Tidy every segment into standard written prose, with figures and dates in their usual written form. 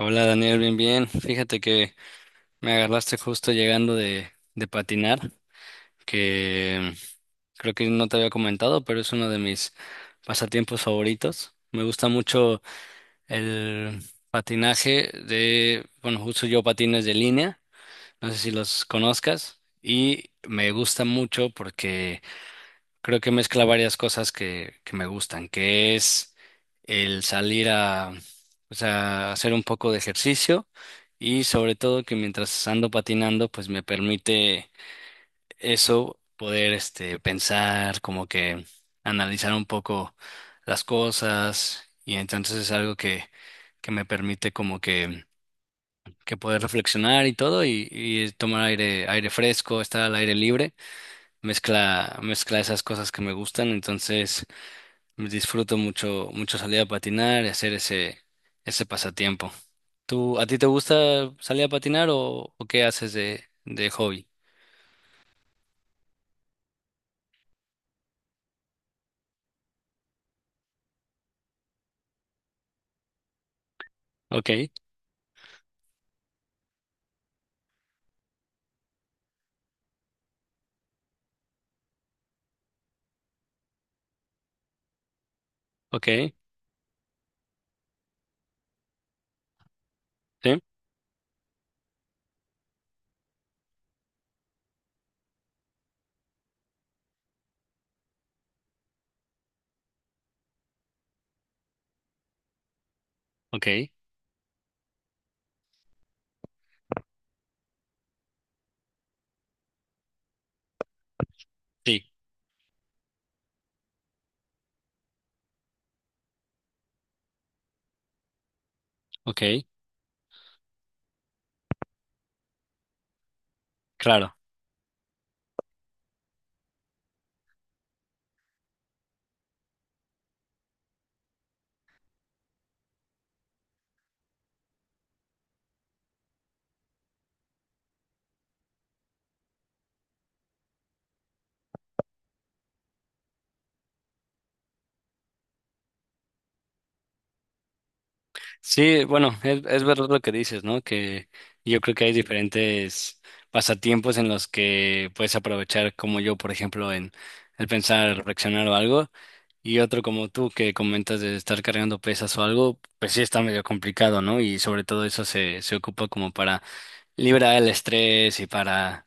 Hola, Daniel, bien, bien. Fíjate que me agarraste justo llegando de patinar, que creo que no te había comentado, pero es uno de mis pasatiempos favoritos. Me gusta mucho el patinaje de, bueno, uso yo patines de línea. No sé si los conozcas, y me gusta mucho porque creo que mezcla varias cosas que me gustan, que es el salir a, pues, a hacer un poco de ejercicio. Y sobre todo que mientras ando patinando, pues me permite eso, poder pensar, como que analizar un poco las cosas, y entonces es algo que me permite como que poder reflexionar y todo, y, tomar aire, aire fresco, estar al aire libre. Mezcla, mezcla esas cosas que me gustan. Entonces, disfruto mucho, mucho salir a patinar y hacer ese pasatiempo. ¿A ti te gusta salir a patinar o qué haces de hobby? Ok, ok, sí, ok, sí, ok, claro. Sí, bueno, es verdad lo que dices, ¿no? Que yo creo que hay diferentes pasatiempos en los que puedes aprovechar, como yo, por ejemplo, en el pensar, reflexionar o algo, y otro como tú, que comentas de estar cargando pesas o algo. Pues sí, está medio complicado, ¿no? Y sobre todo eso se ocupa como para libra el estrés y para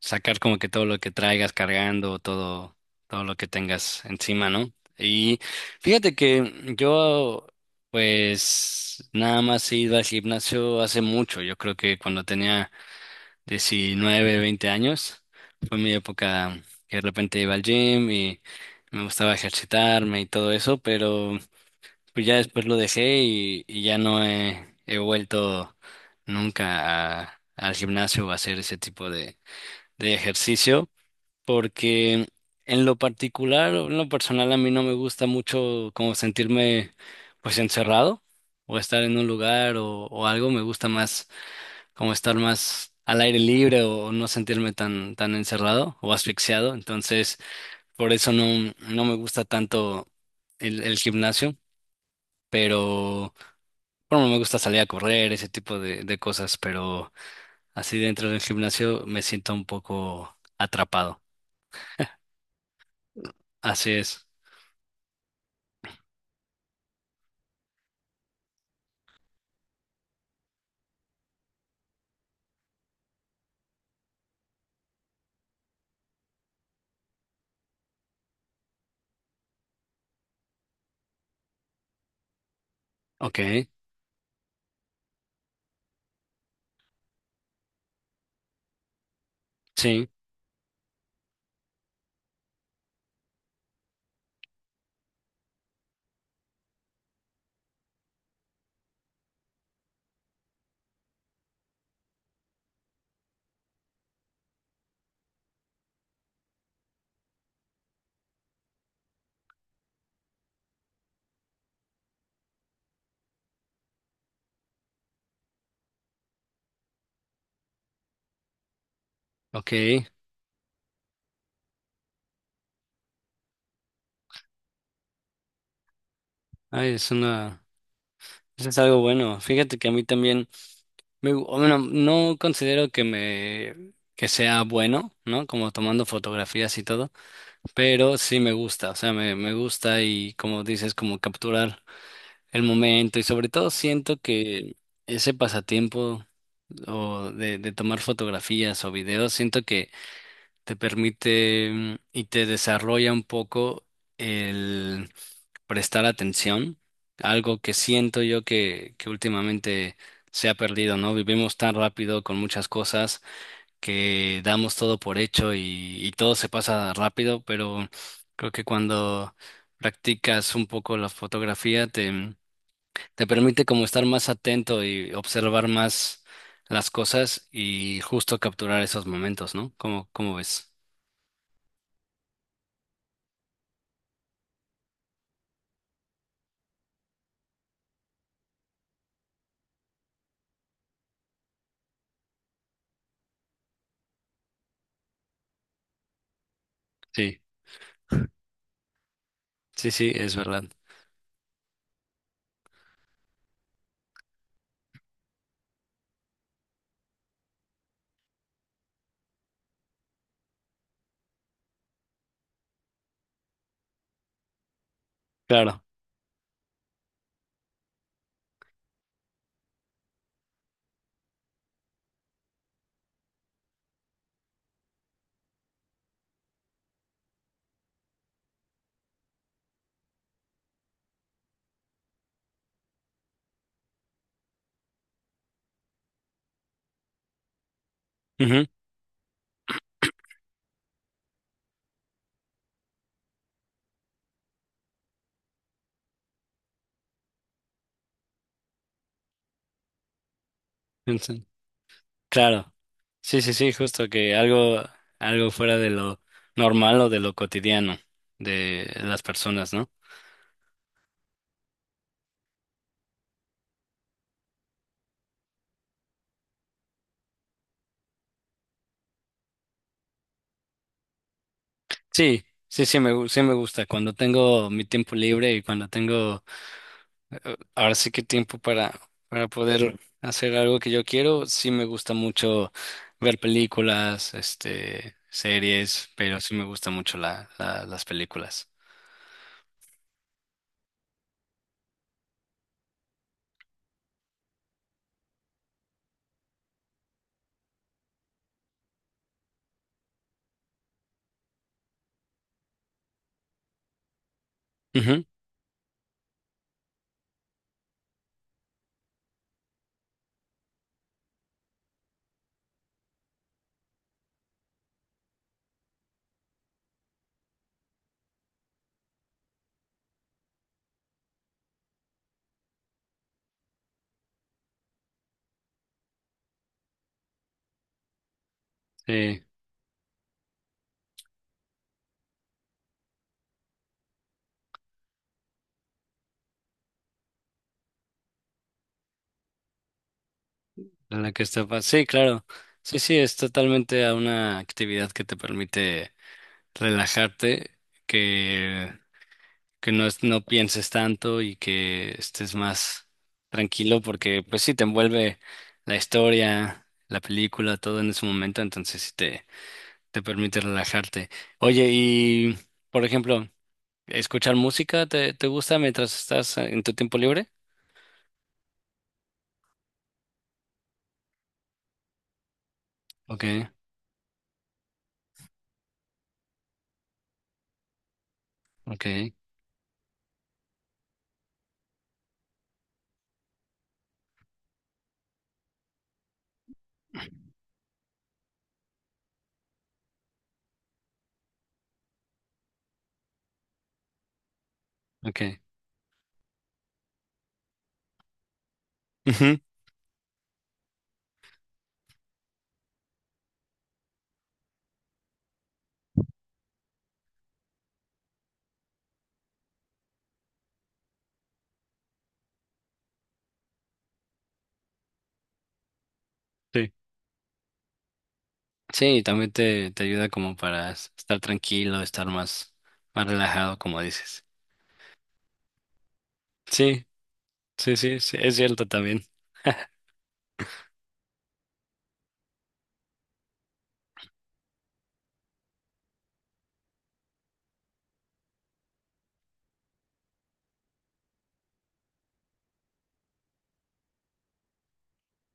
sacar como que todo lo que traigas cargando, todo, todo lo que tengas encima, ¿no? Y fíjate que yo, pues, nada más he ido al gimnasio hace mucho. Yo creo que cuando tenía 19, 20 años, fue mi época que de repente iba al gym y me gustaba ejercitarme y todo eso, pero pues ya después lo dejé, y ya no he vuelto nunca al gimnasio o a hacer ese tipo de, ejercicio, porque en lo particular, o en lo personal, a mí no me gusta mucho como sentirme pues encerrado o estar en un lugar o algo. Me gusta más como estar más al aire libre o no sentirme tan, tan encerrado o asfixiado. Entonces, por eso no me gusta tanto el gimnasio, pero. Bueno, me gusta salir a correr, ese tipo de cosas, pero así dentro del gimnasio me siento un poco atrapado. Así es. Ok, sí, ok. Ay, eso es algo bueno. Fíjate que a mí también, bueno, no considero que que sea bueno, ¿no? Como tomando fotografías y todo, pero sí me gusta, o sea, me gusta, y como dices, como capturar el momento. Y sobre todo siento que ese pasatiempo o de tomar fotografías o videos, siento que te permite, y te desarrolla un poco el prestar atención, algo que siento yo que últimamente se ha perdido, ¿no? Vivimos tan rápido con muchas cosas que damos todo por hecho, y todo se pasa rápido, pero creo que cuando practicas un poco la fotografía te permite como estar más atento y observar más las cosas, y justo capturar esos momentos, ¿no? ¿Cómo ves? Sí, sí, sí, es verdad. Claro. Ujú. Entonces. Claro. Sí, sí, sí, justo que algo, algo fuera de lo normal o de lo cotidiano de las personas, ¿no? Sí, sí, sí me gusta. Cuando tengo mi tiempo libre y cuando tengo ahora sí que tiempo para poder hacer algo que yo quiero. Sí me gusta mucho ver películas, series, pero sí me gusta mucho las películas. Ujú. Sí, en la que está, sí, claro. Sí, sí, es totalmente a una actividad que te permite relajarte, que que no pienses tanto, y que estés más tranquilo, porque pues sí te envuelve la historia, la película, todo en ese momento, entonces sí te permite relajarte. Oye, y por ejemplo, ¿escuchar música te gusta mientras estás en tu tiempo libre? Ok, ok, ok. Ujú. Sí. Sí, también te ayuda como para estar tranquilo, estar más, más relajado, como dices. Sí, sí, sí, sí, es cierto también.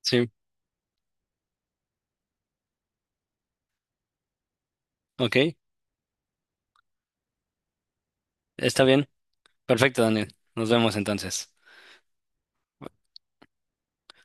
Sí, ok. Está bien. Perfecto, Daniel. Nos vemos entonces.